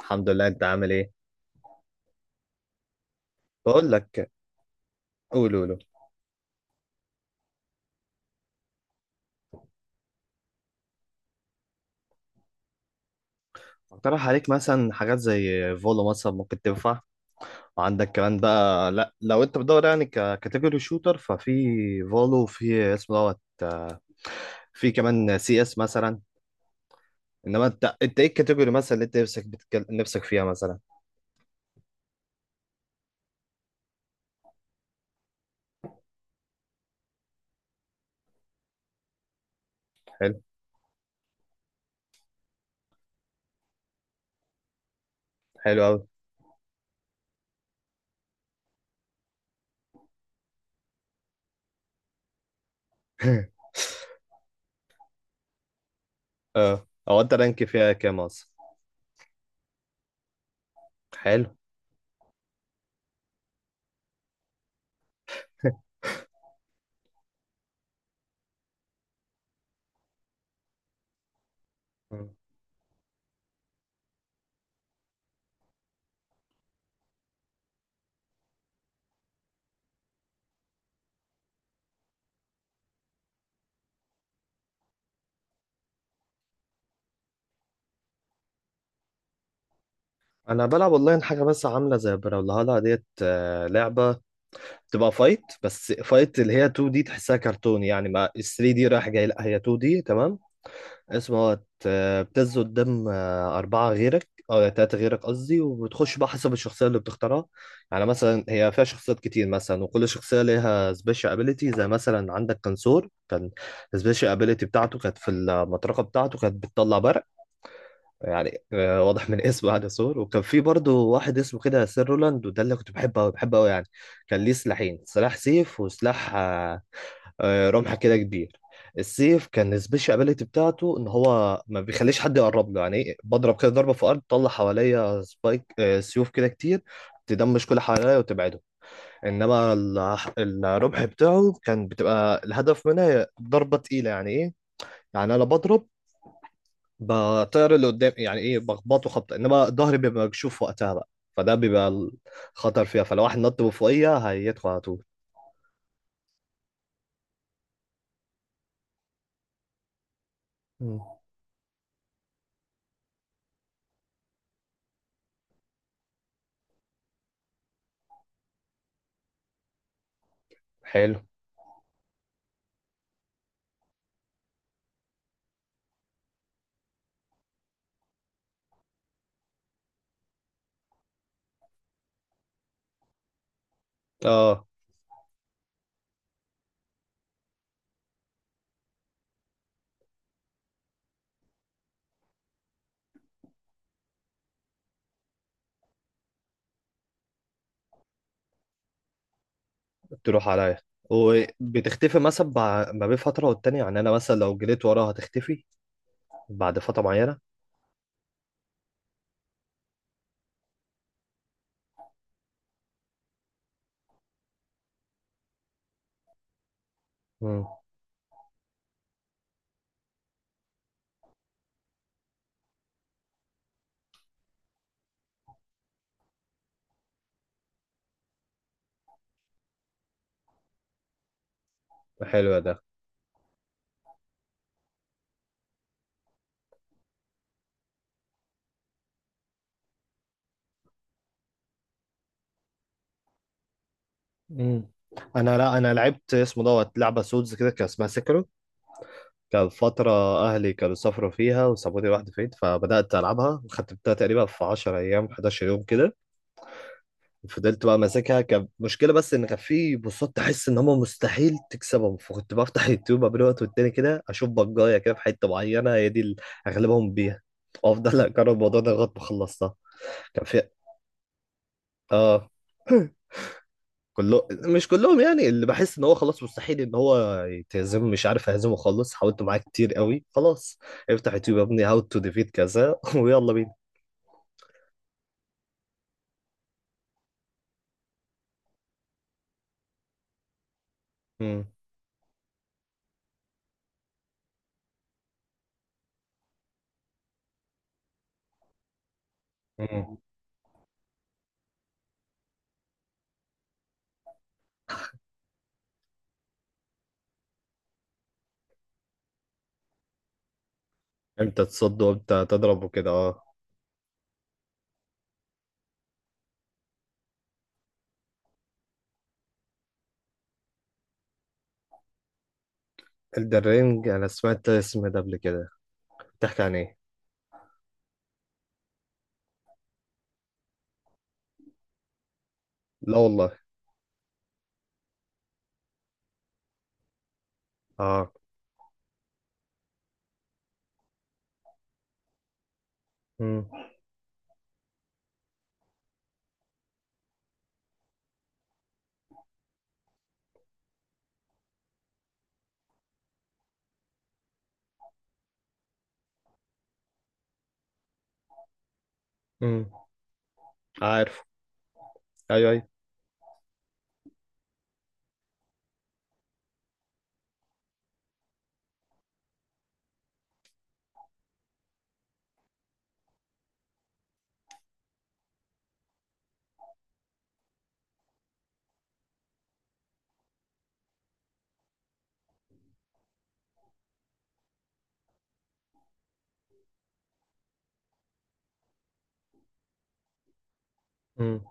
الحمد لله، انت عامل ايه؟ بقول لك. قول قول قول. اقترح عليك مثلا حاجات زي فولو، مثلا ممكن تنفع. وعندك كمان بقى، لا لو انت بتدور يعني ككاتيجوري شوتر، ففي فولو، في اسمه دوت. في كمان CS مثلا. انما انت ايه الكاتيجوري مثلا اللي انت نفسك نفسك فيها مثلا؟ حلو. حلو قوي. اه، او انت رانك فيها كام اصلا؟ حلو. مم. انا بلعب اونلاين حاجه بس، عامله زي بrawlhalla ديت، لعبه. تبقى فايت، بس فايت اللي هي 2 دي تحسها كرتون، يعني ما... 3 دي رايح جاي، لا هي 2 دي تمام. اسمه هو... بتنزل قدام أربعة غيرك أو تلاتة غيرك قصدي، وبتخش بقى حسب الشخصية اللي بتختارها. يعني مثلا هي فيها شخصيات كتير، مثلا وكل شخصية ليها سبيشال ابيليتي، زي مثلا عندك كنسور. كان السبيشال ابيليتي بتاعته كانت في المطرقة بتاعته، كانت بتطلع برق، يعني واضح من اسمه يعني سور. وكان في برضه واحد اسمه كده سير رولاند، وده اللي كنت بحبه قوي، بحبه قوي يعني. كان ليه سلاحين، سلاح سيف وسلاح رمح كده كبير. السيف كان السبيشال ابيليتي بتاعته ان هو ما بيخليش حد يقرب له، يعني بضرب كده ضربه في الارض تطلع حواليا سبايك، سيوف كده كتير تدمش كل حواليا وتبعده. انما الرمح بتاعه كان بتبقى الهدف منها ضربه تقيله، يعني ايه. يعني انا بضرب، بطير اللي قدام، يعني ايه، بخبطه خبطه، انما ظهري بيبقى مكشوف وقتها بقى. فده بيبقى الخطر فيها، فلو واحد نط من فوقيها هيدخل على طول. مم. حلو. اه، تروح عليا. وبتختفي مثلا ما بين فتره والتانيه، يعني انا مثلا لو جريت وراها هتختفي بعد فتره معينه. مم. حلو ده. مم. لا انا لعبت اسمه دوت، لعبه سولز كده كان اسمها سكرو. كان فتره اهلي كانوا سافروا فيها وسابوني لوحدي فين، فبدات العبها وختمتها تقريبا في 10 ايام، 11 يوم كده. فضلت بقى ماسكها، كان مشكلة بس ان كان في بوصات تحس ان هم مستحيل تكسبهم، فكنت بفتح يوتيوب قبل وقت والتاني كده اشوف بجاية كده، في حتة معينة هي دي اللي اغلبهم بيها، وافضل اجرب الموضوع ده لغاية ما خلصتها. كان في... اه. كله، مش كلهم يعني. اللي بحس ان هو خلاص مستحيل ان هو يتهزم، مش عارف اهزمه خالص، حاولت معاه كتير قوي، خلاص افتح يوتيوب يا ابني هاو تو ديفيت كذا ويلا بينا. مم. مم. امتى تصد وامتى تضرب وكده، اه. الدرينج انا سمعت اسم ده قبل كده، بتحكي عن ايه؟ لا والله. اه. امم. امم. عارف. ايوه، ايوه. امم.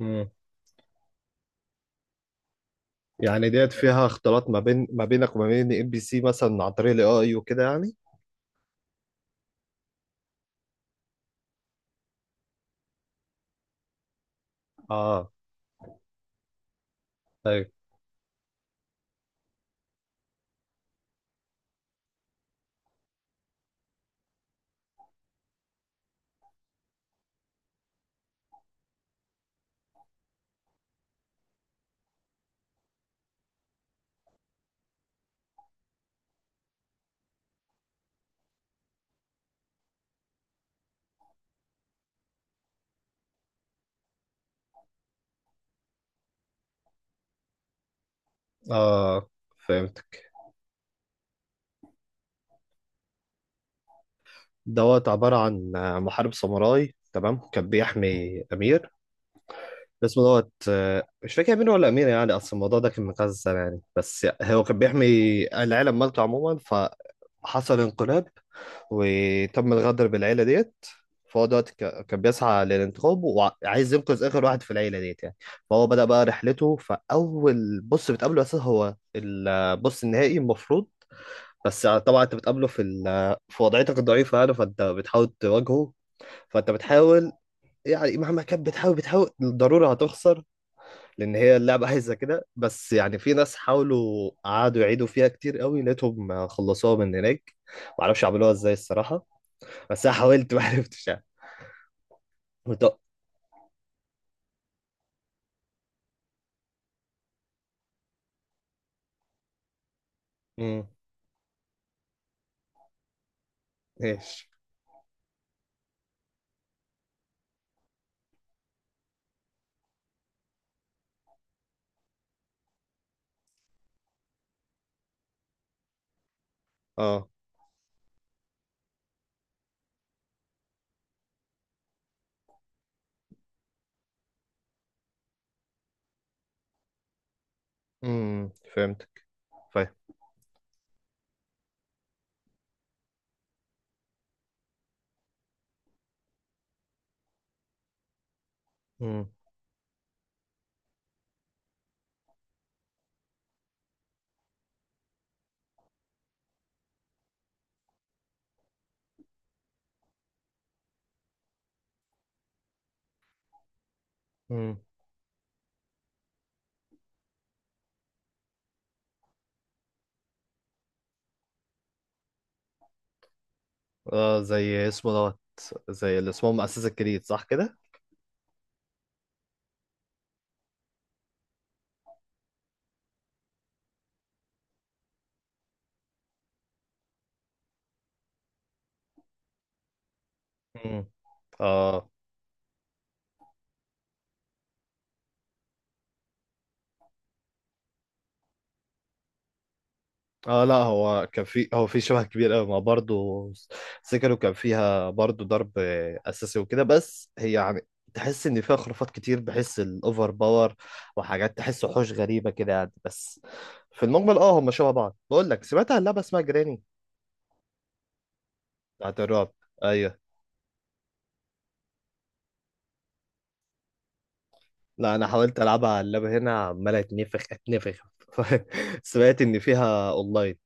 امم. يعني ديت فيها اختلاط ما بينك وما بين ام بي سي مثلا، عن طريق الاي اي وكده يعني؟ اه. ايوه. اه، فهمتك. دوت عبارة عن محارب ساموراي تمام، كان بيحمي امير اسمه دوت، مش فاكر امير ولا امير يعني، اصل الموضوع ده كان من كذا سنة يعني، بس هو كان بيحمي العالم مالته عموما. فحصل انقلاب وتم الغدر بالعيلة ديت. فهو دلوقتي كان بيسعى للانتخاب، وعايز ينقذ آخر واحد في العيلة ديت يعني. فهو بدأ بقى رحلته، فأول بص بتقابله أساسا هو البص النهائي المفروض. بس طبعا انت بتقابله في في وضعيتك الضعيفه يعني، فانت بتحاول تواجهه. فانت بتحاول، يعني مهما كان بتحاول، بتحاول الضروره هتخسر، لان هي اللعبه عايزه كده. بس يعني في ناس حاولوا قعدوا يعيدوا فيها كتير قوي، لقيتهم خلصوها من هناك، معرفش عملوها ازاي الصراحه. بس انا حاولت ما عرفتش يعني. وط- امم. ايش. اه. امم. فهمتك، فاهم. امم. امم. اه، زي اسمه دوت، زي اللي اسمه مؤسسة الجديد، صح كده؟ امم. اه. اه، لا هو كان في هو في شبه كبير قوي ما برضه. سيكلو كان فيها برضه ضرب اساسي وكده، بس هي يعني تحس ان فيها خرافات كتير، بحس الاوفر باور، وحاجات تحس وحوش غريبه كده يعني. بس في المجمل اه هم شبه بعض. بقول لك، سمعت عن لعبه اسمها جراني؟ بتاعت الرعب. ايوه. لا انا حاولت العبها على اللعبه هنا عمال اتنفخ اتنفخ سمعت ان فيها اونلاين،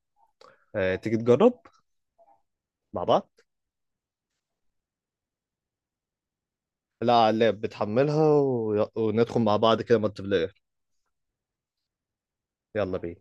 تيجي تجرب مع بعض؟ لا على اللاب، بتحملها وندخل مع بعض كده مالتي بلاير. يلا بينا.